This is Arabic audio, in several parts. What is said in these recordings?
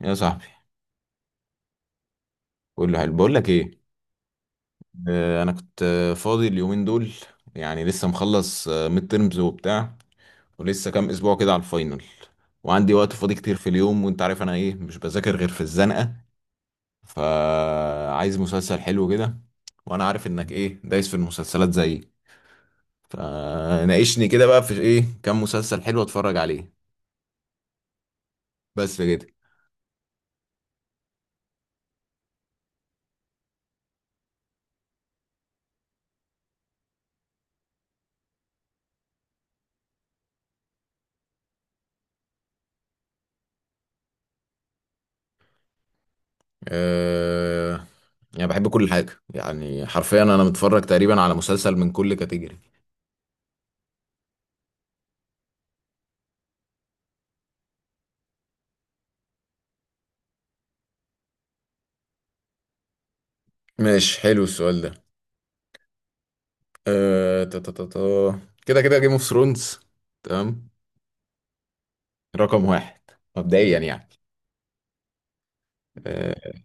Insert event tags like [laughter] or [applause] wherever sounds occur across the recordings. يا صاحبي، قول له حلو. بقول لك ايه. انا كنت فاضي اليومين دول. يعني لسه مخلص ميد ترمز وبتاع، ولسه كام اسبوع كده على الفاينل، وعندي وقت فاضي كتير في اليوم. وانت عارف انا ايه، مش بذاكر غير في الزنقه. فعايز مسلسل حلو كده، وانا عارف انك ايه، دايس في المسلسلات زيي. فناقشني كده بقى في ايه، كام مسلسل حلو اتفرج عليه. بس كده. أه... يعني بحب كل حاجه. يعني حرفيا انا متفرج تقريبا على مسلسل من كل كاتيجوري. ماشي، حلو السؤال ده. أه... تا- تا- تا- تا. كده كده جيم اوف ثرونز. تمام، رقم واحد، مبدئيا يعني. أه...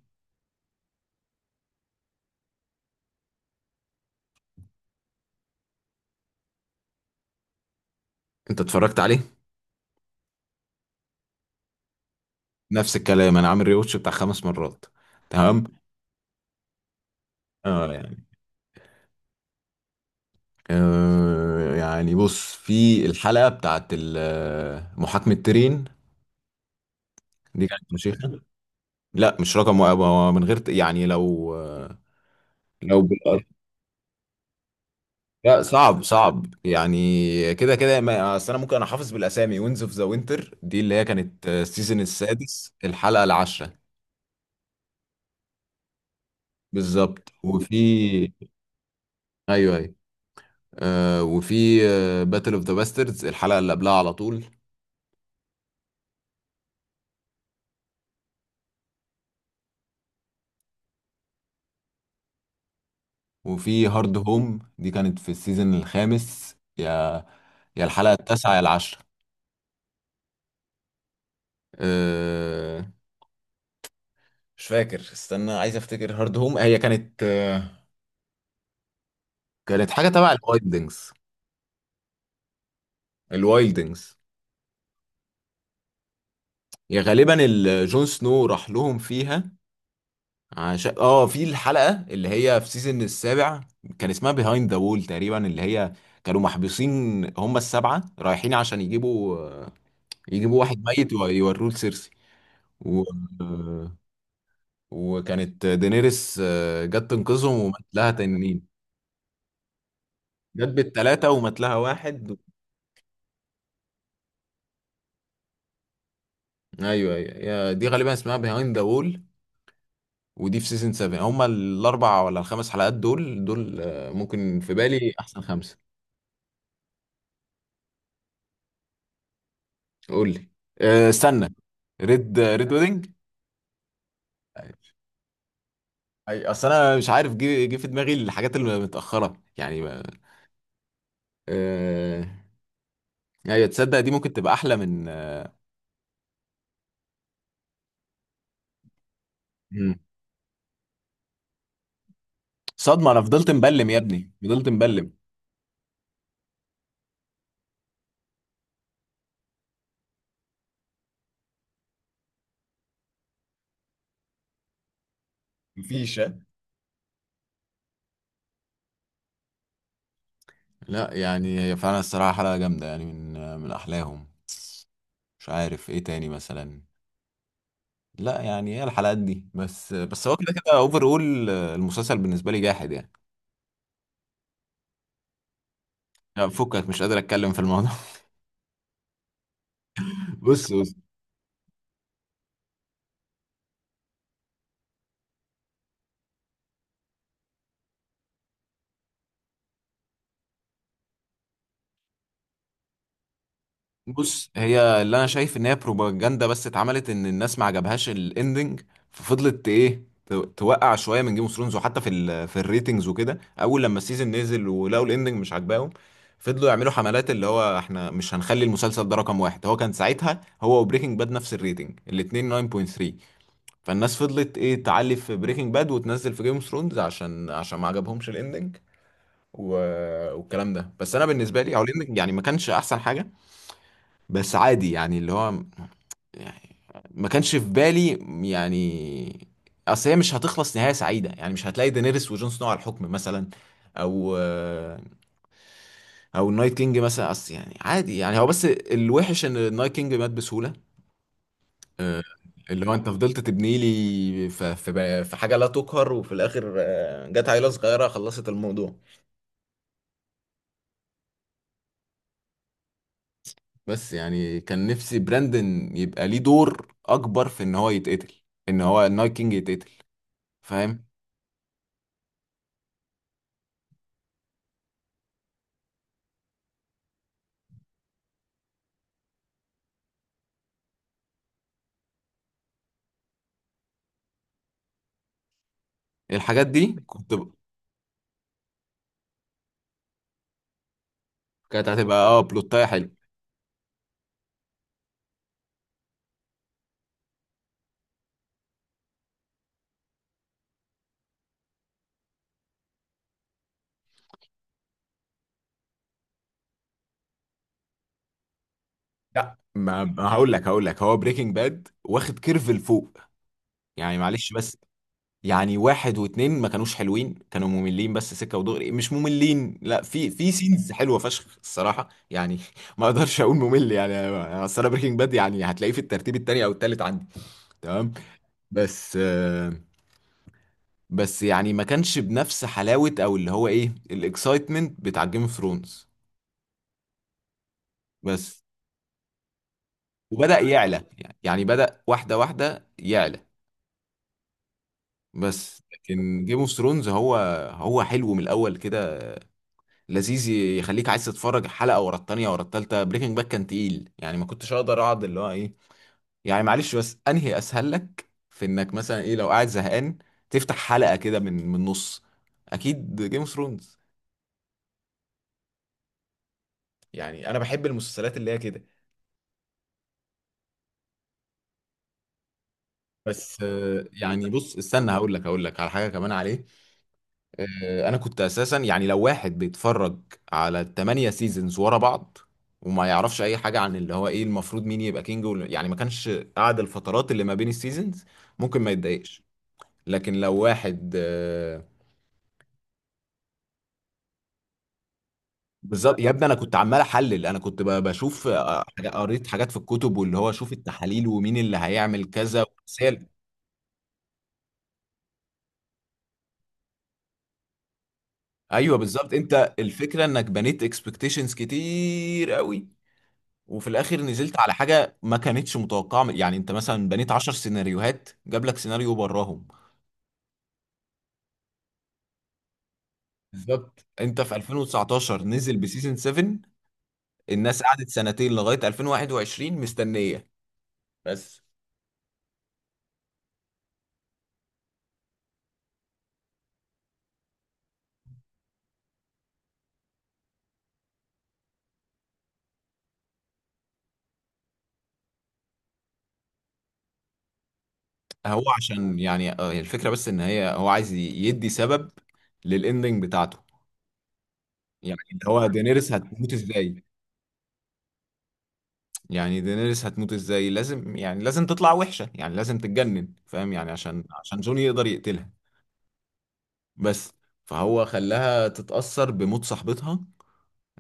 انت اتفرجت عليه؟ نفس الكلام، انا عامل ريوتش بتاع 5 مرات. تمام. اه يعني يعني بص، في الحلقة بتاعت محاكمة تيرين، دي كانت فشيخة. لا، مش رقم واحد. هو من غير يعني، لو لو... لا، صعب صعب يعني. كده كده اصل انا ممكن، انا حافظ بالاسامي. وينز اوف ذا وينتر، دي اللي هي كانت السيزون السادس، الحلقه العاشره. بالظبط. وفي ايوه ايوه. وفي باتل اوف ذا باستردز، الحلقه اللي قبلها على طول. وفي هارد هوم، دي كانت في السيزون الخامس، يا الحلقه التاسعه يا العاشره. آه مش فاكر، استنى عايز افتكر. هارد هوم هي كانت آه، كانت حاجه تبع الوايلدنجز. الوايلدنجز. يا غالبا جون سنو راح لهم فيها. عشان في الحلقة اللي هي في سيزون السابع، كان اسمها بيهايند ذا وول تقريبا. اللي هي كانوا محبوسين، هم السبعة رايحين عشان يجيبوا، يجيبوا واحد ميت ويوروه لسيرسي. و... وكانت دينيريس جت تنقذهم ومات لها تنين. جت بالتلاتة ومات لها واحد. ايوه ايوه. دي غالبا اسمها بيهايند ذا وول. ودي في سيزون 7، هما الاربع ولا الخمس حلقات دول دول، ممكن في بالي احسن خمسه. قول لي. استنى. ريد ويدنج. اي، اصل انا مش عارف، جه في دماغي الحاجات اللي متاخره يعني ما... أه... ايوه، تصدق دي ممكن تبقى احلى من... مم. صدمه، انا فضلت مبلم يا ابني، فضلت مبلم. مفيش ها؟ لا يعني هي فعلا الصراحه حلقه جامده يعني، من احلاهم. مش عارف ايه تاني مثلا. لا يعني هي الحلقات دي بس. بس هو كده كده اوفر اول، المسلسل بالنسبه لي جاحد يعني. لا، فكك، مش قادر اتكلم في الموضوع. [laughs] بص بص. بص، هي اللي انا شايف ان هي بروباجندا بس اتعملت، ان الناس ما عجبهاش الاندنج. ففضلت ايه، توقع شويه من جيم اوف ثرونز. وحتى في في الريتنجز وكده، اول لما السيزون نزل ولقوا الاندنج مش عاجباهم، فضلوا يعملوا حملات، اللي هو احنا مش هنخلي المسلسل ده رقم واحد. هو كان ساعتها هو وبريكنج باد نفس الريتنج، الاتنين 9.3. فالناس فضلت ايه، تعلي في بريكنج باد وتنزل في جيم اوف ثرونز، عشان ما عجبهمش الاندنج. و... والكلام ده. بس انا بالنسبه لي او الاندنج يعني ما كانش احسن حاجه. بس عادي يعني، اللي هو ما كانش في بالي يعني. اصل هي مش هتخلص نهاية سعيدة يعني، مش هتلاقي دينيريس وجون سنو على الحكم مثلا، او النايت كينج مثلا. اصل يعني عادي يعني، هو بس الوحش ان النايت كينج مات بسهولة. آه، اللي هو انت فضلت تبني لي في حاجة لا تقهر، وفي الاخر جت عيلة صغيرة خلصت الموضوع. بس يعني كان نفسي براندن يبقى ليه دور اكبر في ان هو يتقتل، ان هو النايت كينج يتقتل، فاهم. الحاجات دي كنت ب... كانت هتبقى اه بلوتايه حلو. لا ما هقول لك، هقول لك هو بريكنج باد واخد كيرف لفوق. يعني معلش بس، يعني واحد واتنين ما كانوش حلوين، كانوا مملين. بس سكة ودغري مش مملين. لا، في سينز حلوة فشخ الصراحة يعني. [laughs] ما اقدرش اقول ممل يعني. اصل انا بريكنج باد يعني هتلاقيه في الترتيب التاني او التالت عندي. تمام. بس بس يعني ما كانش بنفس حلاوة، او اللي هو ايه، الاكسايتمنت بتاع جيم اوف ثرونز بس. وبدأ يعلى، يعني بدأ واحدة واحدة يعلى. بس لكن جيم اوف ثرونز، هو حلو من الاول كده، لذيذ يخليك عايز تتفرج حلقه ورا التانيه ورا التالته. بريكنج باك كان تقيل يعني، ما كنتش اقدر اقعد اللي هو ايه يعني. معلش بس، انهي اسهل لك في انك مثلا ايه، لو قاعد زهقان تفتح حلقه كده من النص؟ اكيد جيم اوف ثرونز. يعني انا بحب المسلسلات اللي هي كده. بس يعني بص استنى، هقول لك، هقول لك على حاجه كمان عليه. انا كنت اساسا يعني، لو واحد بيتفرج على ال8 سيزونز ورا بعض وما يعرفش اي حاجه عن اللي هو ايه، المفروض مين يبقى كينج يعني ما كانش قاعد الفترات اللي ما بين السيزونز، ممكن ما يتضايقش. لكن لو واحد بالظبط يا ابني. انا كنت عمال احلل، انا كنت بشوف قريت حاجات في الكتب، واللي هو شوف التحاليل ومين اللي هيعمل كذا. بس ايوه بالظبط. انت الفكره انك بنيت اكسبكتيشنز كتير قوي، وفي الاخر نزلت على حاجه ما كانتش متوقعه. يعني انت مثلا بنيت 10 سيناريوهات جاب لك سيناريو براهم. بالظبط. انت في 2019 نزل بسيزون 7، الناس قعدت سنتين لغايه 2021 مستنيه. بس هو عشان يعني هي الفكره بس، ان هي هو عايز يدي سبب للاندنج بتاعته. يعني اللي هو دينيريس هتموت ازاي. يعني دينيريس هتموت ازاي؟ لازم يعني، لازم تطلع وحشه يعني، لازم تتجنن فاهم يعني، عشان جون يقدر يقتلها. بس فهو خلاها تتأثر بموت صاحبتها.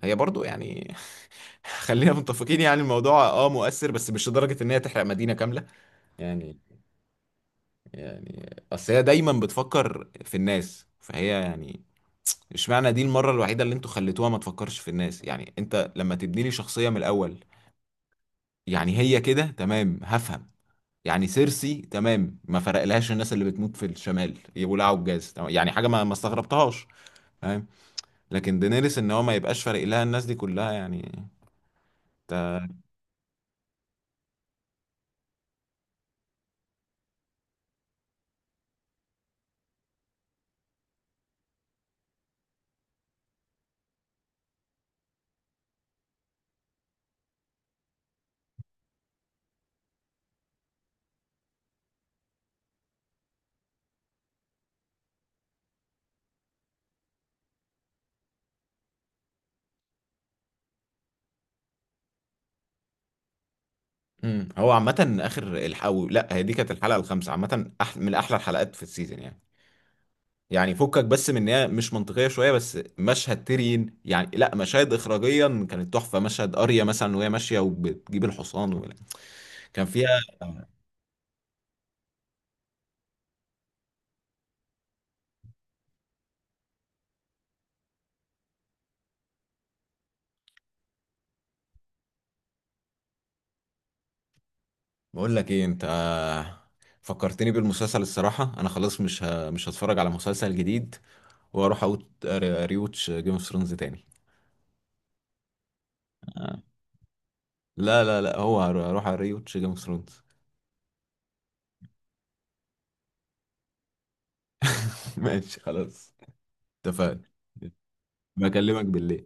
هي برضو يعني [laughs] خلينا متفقين، يعني الموضوع اه مؤثر، بس مش لدرجة ان هي تحرق مدينة كاملة يعني. يعني اصل هي دايما بتفكر في الناس، فهي يعني اشمعنى دي المرة الوحيدة اللي انتوا خليتوها ما تفكرش في الناس. يعني انت لما تبني لي شخصية من الاول. يعني هي كده تمام هفهم. يعني سيرسي تمام، ما فرقلهاش الناس اللي بتموت في الشمال، يولعوا الجاز تمام، يعني حاجة ما استغربتهاش. لكن دينيريس، ان هو ما يبقاش فارق لها الناس دي كلها يعني. انت... مم. هو عامة اخر الحلقة، لا هي دي كانت الحلقة الخامسة، عامة من احلى الحلقات في السيزون يعني. يعني فكك بس من ان هي مش منطقية شوية. بس مشهد تيرين يعني، لا مشاهد اخراجيا كانت تحفة. مشهد اريا مثلا وهي ماشية وبتجيب الحصان و... كان فيها. بقول لك ايه انت، فكرتني بالمسلسل الصراحة. انا خلاص مش مش هتفرج على مسلسل جديد، واروح اقول ريوتش جيم اوف ثرونز تاني. آه. لا لا لا، هو هروح اريوتش جيم اوف ثرونز. [laughs] ماشي خلاص، اتفقنا. بكلمك بالليل.